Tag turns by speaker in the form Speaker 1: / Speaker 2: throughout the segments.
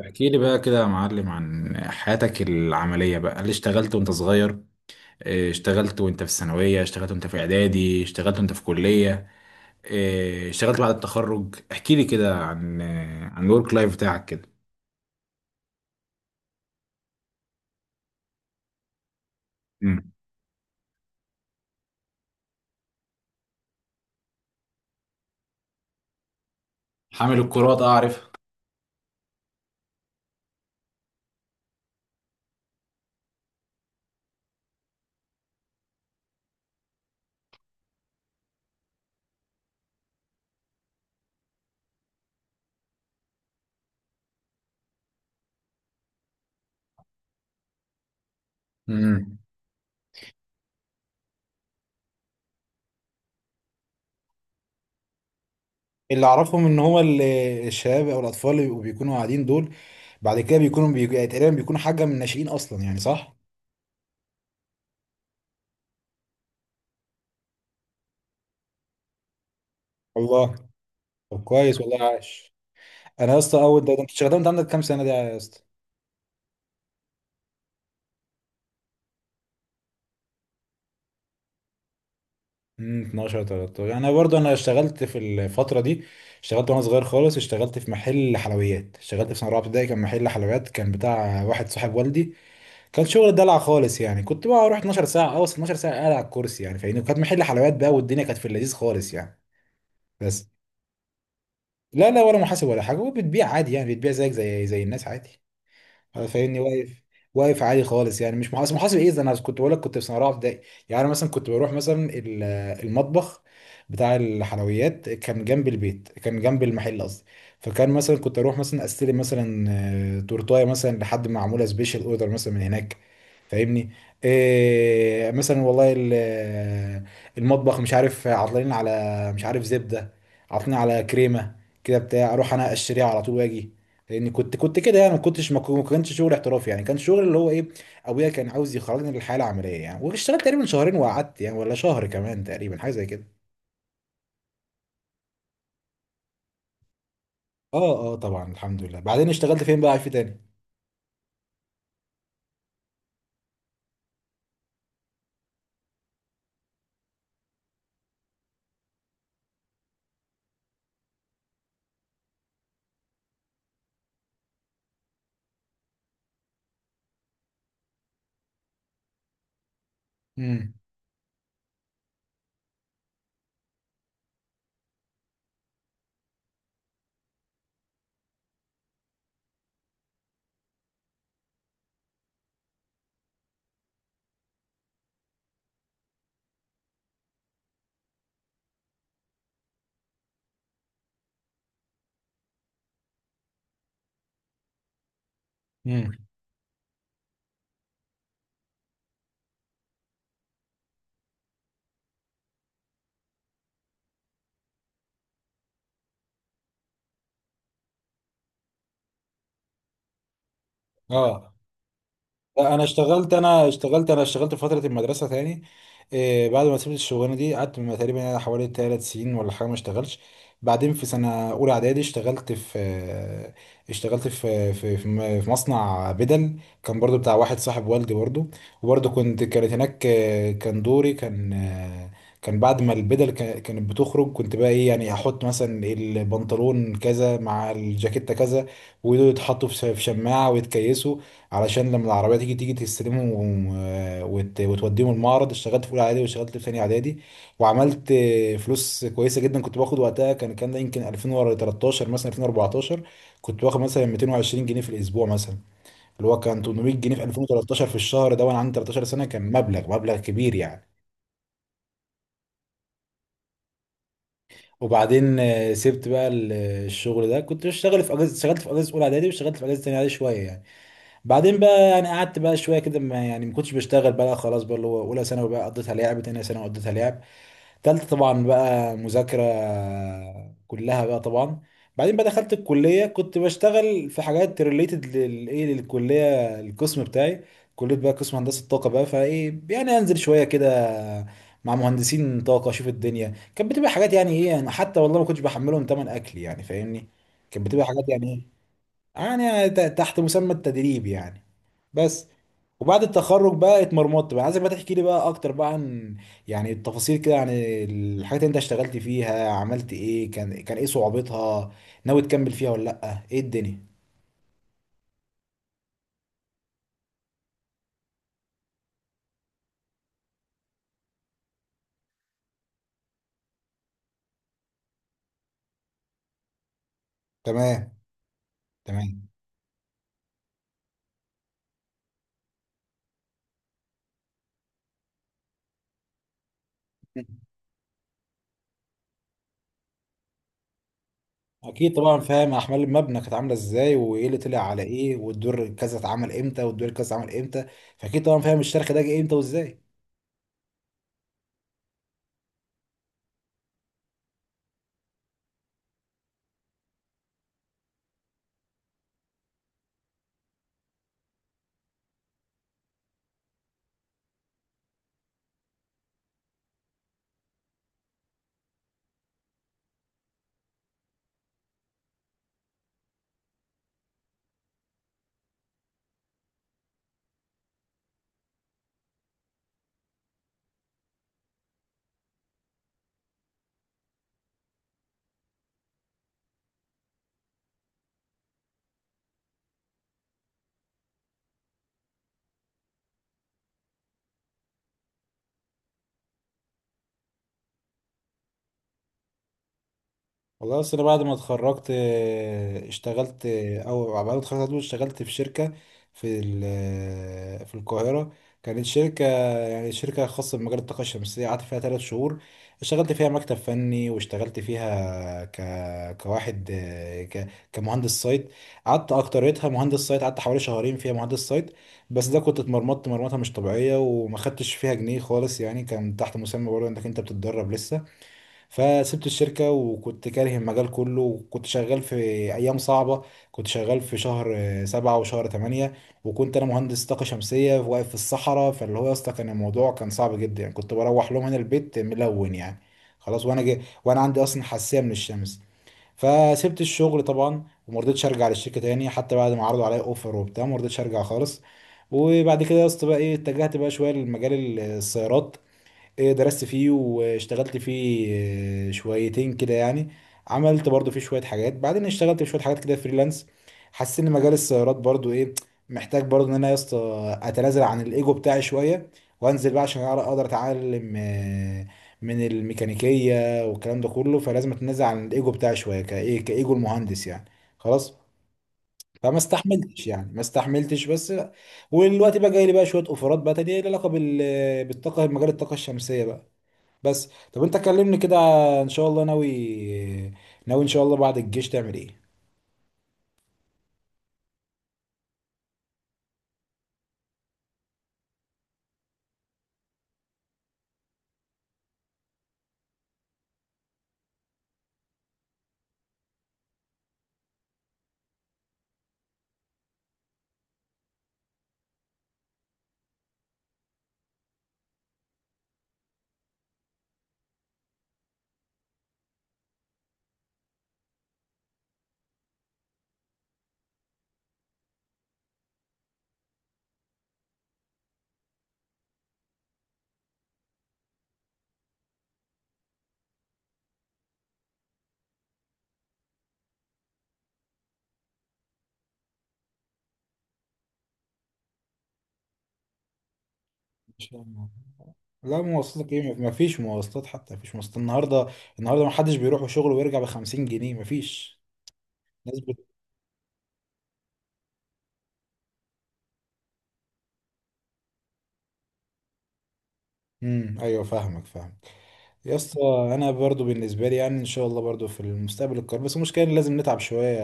Speaker 1: احكي لي بقى كده يا معلم، عن حياتك العملية بقى، اللي اشتغلت وانت صغير. إيه، اشتغلت وانت في الثانوية، اشتغلت وانت في اعدادي، اشتغلت وانت في كلية. إيه، اشتغلت بعد التخرج، احكي لي كده عن الورك لايف بتاعك كده. مم. حامل الكرات، اعرف. مم. اللي اعرفهم ان هو الشباب او الاطفال اللي بيكونوا قاعدين دول، بعد كده بيكونوا يعني تقريبا بيكونوا حاجه من الناشئين اصلا، يعني صح؟ الله. طب، كويس والله، عاش. انا يا اسطى، اول ده انت اشتغلت وانت عندك كام سنه ده يا اسطى؟ 12 13، انا برضه اشتغلت في الفتره دي. اشتغلت وانا صغير خالص، اشتغلت في محل حلويات، اشتغلت في سنه رابعه ابتدائي، كان محل حلويات كان بتاع واحد صاحب والدي. كان شغل دلع خالص، يعني كنت بقى اروح 12 ساعه، اوصل 12 ساعه قاعد على الكرسي، يعني فاهمني، وكانت محل حلويات بقى، والدنيا كانت في اللذيذ خالص يعني. بس. لا، لا، ولا محاسب ولا حاجه، وبتبيع عادي، يعني بتبيع زيك زي الناس، عادي. فاهمني، واقف. واقف عالي خالص، يعني مش محاسب، محاسب ايه ده؟ انا كنت بقول لك، كنت في سنه رابعه ابتدائي. يعني انا مثلا كنت بروح مثلا المطبخ بتاع الحلويات، كان جنب البيت كان جنب المحل قصدي. فكان مثلا كنت اروح مثلا استلم مثلا تورتايه مثلا، لحد ما معموله سبيشال اوردر مثلا من هناك. فاهمني؟ إيه مثلا والله المطبخ، مش عارف عطلانين على، مش عارف زبدة، عطلانين على كريمة، كده بتاع، اروح انا اشتريها على طول واجي. لان كنت كده يعني ما كنتش ما كو- ما كانش شغل احترافي، يعني كان شغل اللي هو ايه. ابويا كان عاوز يخرجني للحياة العملية يعني، واشتغلت تقريبا شهرين وقعدت يعني، ولا شهر كمان تقريبا حاجة زي كده. اه، اه، طبعا الحمد لله. بعدين اشتغلت فين بقى في تاني؟ امم. امم. اه. لا، انا اشتغلت في فتره المدرسه تاني. إيه، بعد ما سبت الشغلانه دي قعدت تقريبا يعني حوالي 3 سنين ولا حاجه، ما اشتغلش. بعدين في سنه اولى اعدادي اشتغلت في آه، اشتغلت في في في م- في مصنع بدل، كان برضو بتاع واحد صاحب والدي برضو. وبرضو كانت هناك، كان دوري، كان كان بعد ما البدل كانت بتخرج، كنت بقى ايه يعني احط مثلا البنطلون كذا مع الجاكيتة كذا، ودول يتحطوا في شماعة ويتكيسوا، علشان لما العربية تيجي تستلمهم وتوديهم المعرض. اشتغلت في أولى إعدادي، واشتغلت في تانية إعدادي. وعملت فلوس كويسة جدا، كنت باخد وقتها، كان ده يمكن 2013 مثلا، 2014. كنت باخد مثلا 220 جنيه في الأسبوع مثلا، اللي هو كان 800 جنيه في 2013 في الشهر ده، وأنا عندي 13 سنة، كان مبلغ كبير يعني. وبعدين سبت بقى الشغل ده، كنت بشتغل في أجازة، اشتغلت في أجازة أولى إعدادي واشتغلت في أجازة تانية إعدادي شوية يعني. بعدين بقى يعني قعدت بقى شويه كده، ما يعني ما كنتش بشتغل بقى خلاص. بقى اللي هو اولى ثانوي بقى قضيتها لعب، تانية ثانوي قضيتها لعب، تالتة طبعا بقى مذاكره كلها بقى طبعا. بعدين بقى دخلت الكليه، كنت بشتغل في حاجات ريليتد للكليه القسم بتاعي. كليه بقى قسم هندسه طاقه بقى، فايه يعني انزل شويه كده مع مهندسين طاقه، اشوف الدنيا كانت بتبقى حاجات يعني ايه، يعني حتى والله ما كنتش بحملهم تمن اكل يعني فاهمني. كانت بتبقى حاجات يعني ايه، يعني تحت مسمى التدريب يعني. بس. وبعد التخرج بقى اتمرمطت بقى. عايزك بقى تحكي لي بقى اكتر بقى عن يعني التفاصيل كده، عن الحاجات اللي انت اشتغلت فيها، عملت ايه، كان ايه صعوبتها، ناوي تكمل فيها ولا لا، ايه الدنيا؟ تمام. تمام. اكيد طبعا. فاهم احمال المبنى كانت عامله ازاي، وايه اللي طلع على ايه، والدور كذا اتعمل امتى، والدور كذا اتعمل امتى، فاكيد طبعا فاهم الشرخ ده جه امتى وازاي. والله اصل، أنا بعد ما اتخرجت اشتغلت او بعد ما اتخرجت على طول اشتغلت في شركه في ال- آه، في القاهره. كانت شركه، يعني شركه خاصه بمجال الطاقه الشمسيه، قعدت فيها 3 شهور. اشتغلت فيها مكتب فني، واشتغلت فيها كواحد كمهندس سايت. قعدت اكتريتها مهندس سايت، قعدت حوالي شهرين فيها مهندس سايت. بس ده كنت اتمرمطت مرمطه مش طبيعيه، وما خدتش فيها جنيه خالص يعني، كان تحت مسمى برضه انك انت بتتدرب لسه. فسبت الشركة وكنت كاره المجال كله، وكنت شغال في أيام صعبة، كنت شغال في شهر 7 وشهر 8. وكنت أنا مهندس طاقة شمسية واقف في الصحراء، فاللي هو يا اسطى كان الموضوع كان صعب جدا يعني، كنت بروح لهم هنا البيت ملون يعني، خلاص، وأنا جي وأنا عندي أصلا حساسية من الشمس. فسبت الشغل طبعا وما رضيتش أرجع للشركة تاني، حتى بعد ما عرضوا عليا أوفر وبتاع، ما رضيتش أرجع خالص. وبعد كده يا اسطى بقى ايه، اتجهت بقى شويه لمجال السيارات، ايه درست فيه واشتغلت فيه، إيه، شويتين كده يعني. عملت برضو فيه شوية حاجات، بعدين اشتغلت في شوية حاجات كده فريلانس. حسيت ان مجال السيارات برضو ايه، محتاج برضو ان انا يا اسطى اتنازل عن الايجو بتاعي شوية، وانزل بقى عشان اقدر اتعلم من الميكانيكية والكلام ده كله، فلازم اتنازل عن الايجو بتاعي شوية، كايجو المهندس يعني. خلاص. فما استحملتش يعني، ما استحملتش بس. والوقت بقى جاي لي بقى شويه اوفرات بقى تانية ليها علاقه بالطاقه، مجال الطاقه الشمسيه بقى. بس طب، انت كلمني كده، ان شاء الله. ناوي ان شاء الله، بعد الجيش تعمل ايه؟ ان شاء الله. لا، مواصلاتك ايه؟ مفيش مواصلات، حتى مفيش مواصلات النهارده. النهارده محدش بيروح شغله ويرجع ب 50 جنيه، مفيش. ناس بت... ايوه، فاهمك فاهمك يا اسطى. انا برضو بالنسبه لي يعني، ان شاء الله برضو في المستقبل القريب. بس المشكله إن لازم نتعب شويه،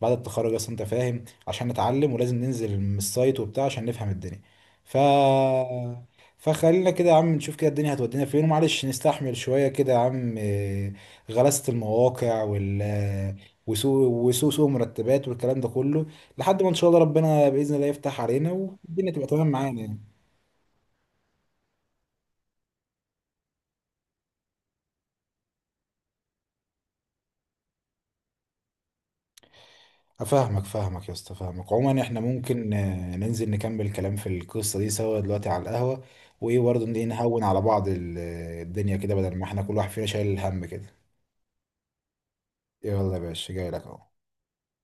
Speaker 1: بعد التخرج اصلا انت فاهم، عشان نتعلم ولازم ننزل من السايت وبتاع عشان نفهم الدنيا. ف فخلينا كده يا عم نشوف كده الدنيا هتودينا فين، ومعلش نستحمل شويه كده يا عم، إيه، غلاسه المواقع وسوء وسوء سوء مرتبات والكلام ده كله، لحد ما ان شاء الله ربنا باذن الله يفتح علينا، والدنيا تبقى تمام معانا يعني. فاهمك يا اسطى فاهمك. عموما احنا ممكن ننزل نكمل كلام في القصه دي سوا دلوقتي على القهوه، وايه برضه، نهون على بعض الدنيا كده، بدل ما احنا كل واحد فينا شايل الهم كده. يلا يا باشا، جاي لك اهو.